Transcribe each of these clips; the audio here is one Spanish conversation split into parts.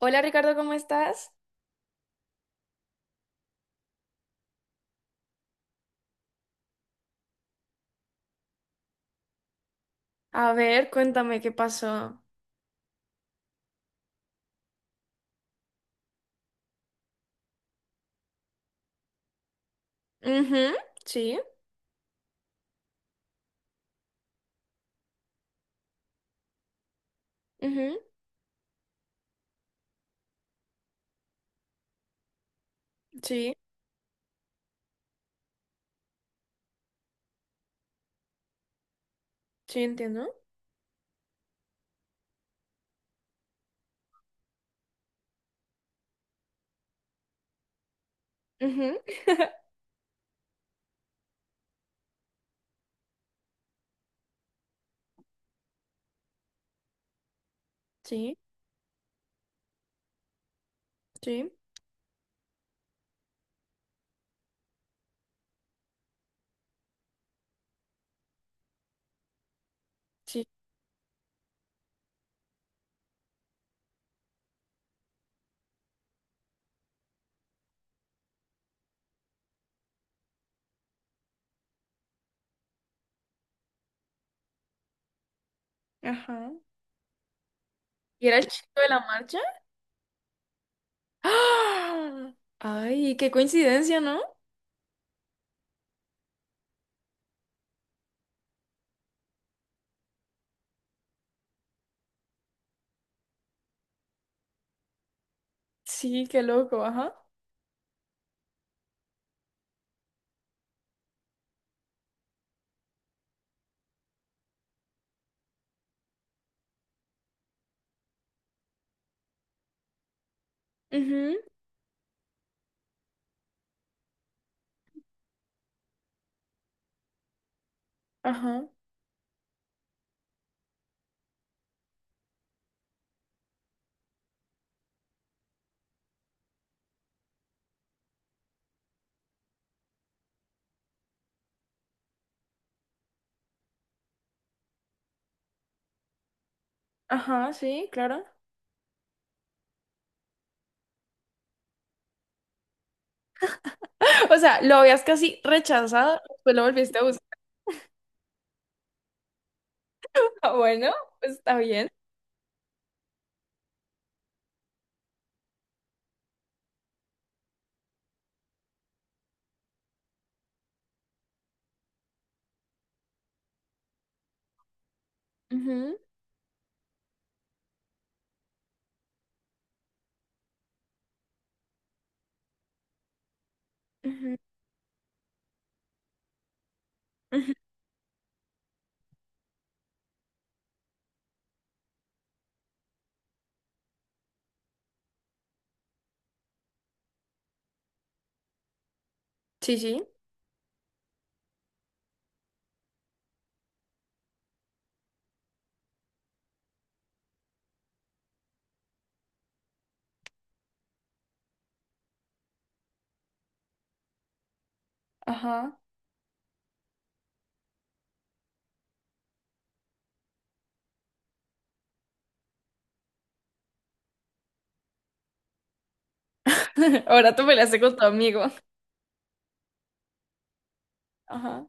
Hola Ricardo, ¿cómo estás? A ver, cuéntame qué pasó. Ujú, sí, ujú, sí, sí, entiendo. Ujú, sí, sí, sí. Ajá. ¿Y era el chico de la marcha? ¡Ah! Ay, qué coincidencia, ¿no? Sí, qué loco, ajá. Ujú, ajá, ajá, sí, claro. O sea, lo habías casi rechazado, después lo volviste a usar. Bueno, pues está bien. Ujú, ujú, ujú. Sí, sí. Ajá. Ahora tú me la haces con tu amigo. Ajá.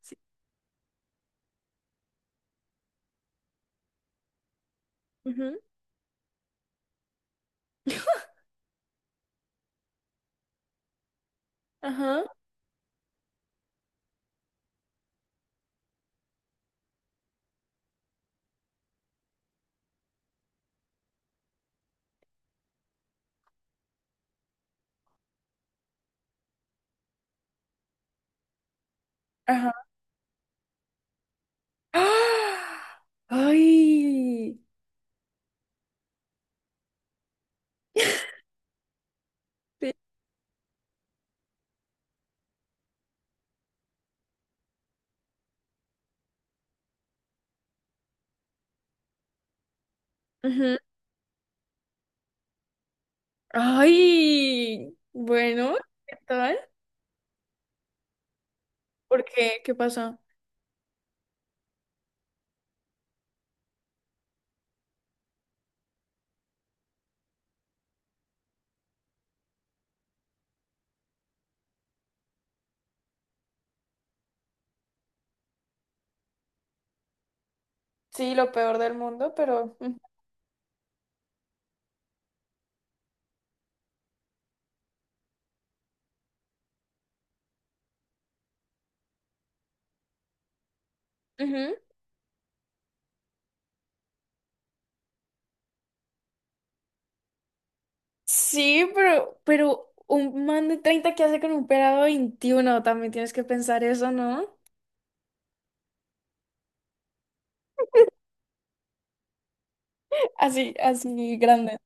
Sí. Ujú, ajá. Ajá. ¡Ah! ¡Ay! Te- ujú. ¡Ay! Bueno, ¿qué tal? ¿Por qué? ¿Qué pasó? Sí, lo peor del mundo, mm, ujú. Sí, pero un man de 30 que hace con un pelado de 21, también tienes que pensar eso, ¿no? Así, así grande.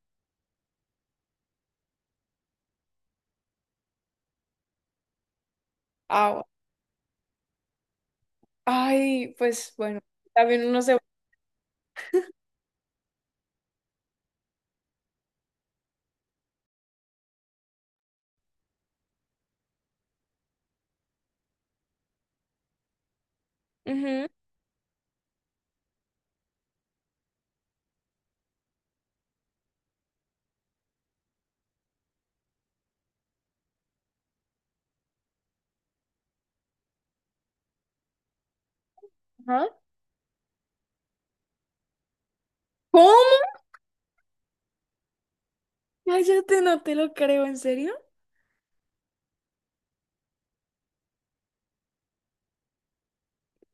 Ah, bueno. Ay, pues bueno, también uno se... Ujú, ajá. ¿Cómo? Cállate, no te lo creo, ¿en serio?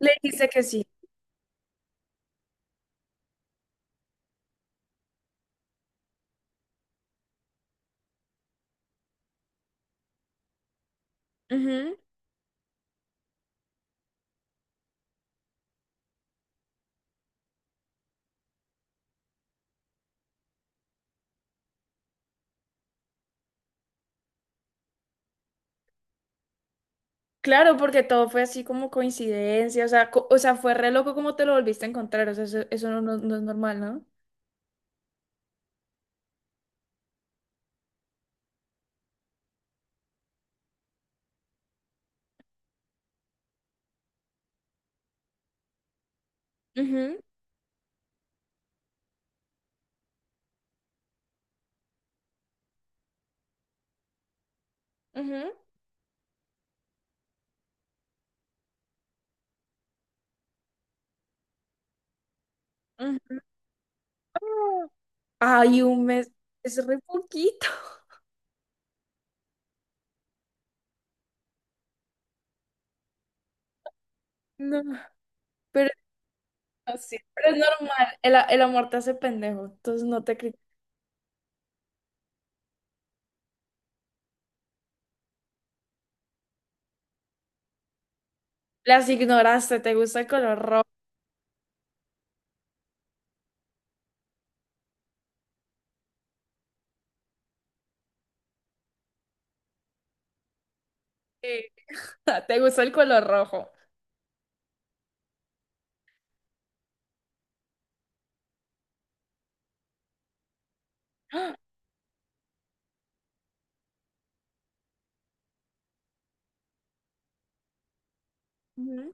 Le dijiste que sí. Ujú. Claro, porque todo fue así como coincidencia, o sea, o sea, fue re loco como te lo volviste a encontrar, o sea, eso no, no es normal, ¿no? Ujú, ujú, ujú. No. Ay, un mes, es re poquito. No, pero no, sí, pero es normal, el amor te hace pendejo, entonces no te Las ignoraste, te gusta el color rojo. Sí. Te gusta el color rojo. Ujú,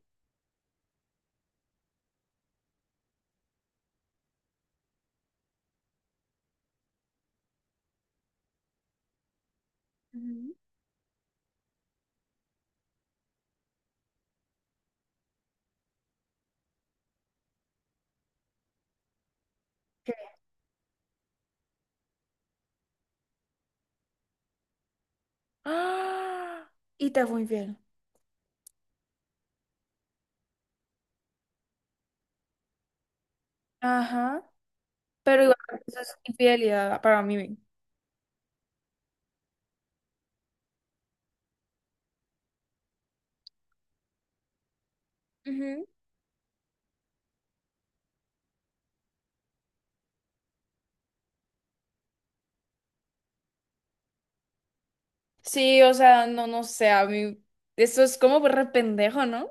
ujú. ¿Qué? ¡Ah! Y te fue infiel. Ajá, pero igual eso es infidelidad para mí. Ujú. Sí, o sea, no, no sé, a mí eso es como re pendejo, ¿no?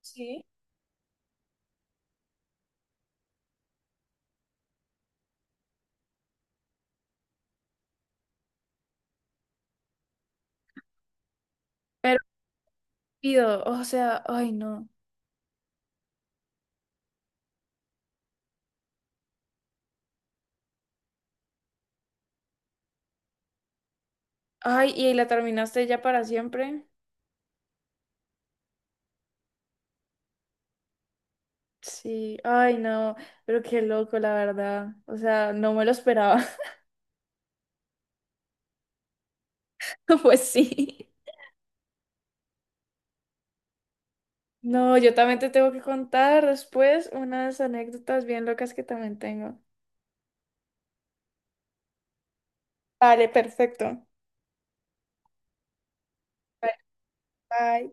Sí. Pero pido, o sea, ay no. Ay, y la terminaste ya para siempre. Sí, ay no, pero qué loco, la verdad. O sea, no me lo esperaba. Pues sí. No, yo también te tengo que contar después unas anécdotas bien locas que también tengo. Vale, perfecto. Bye.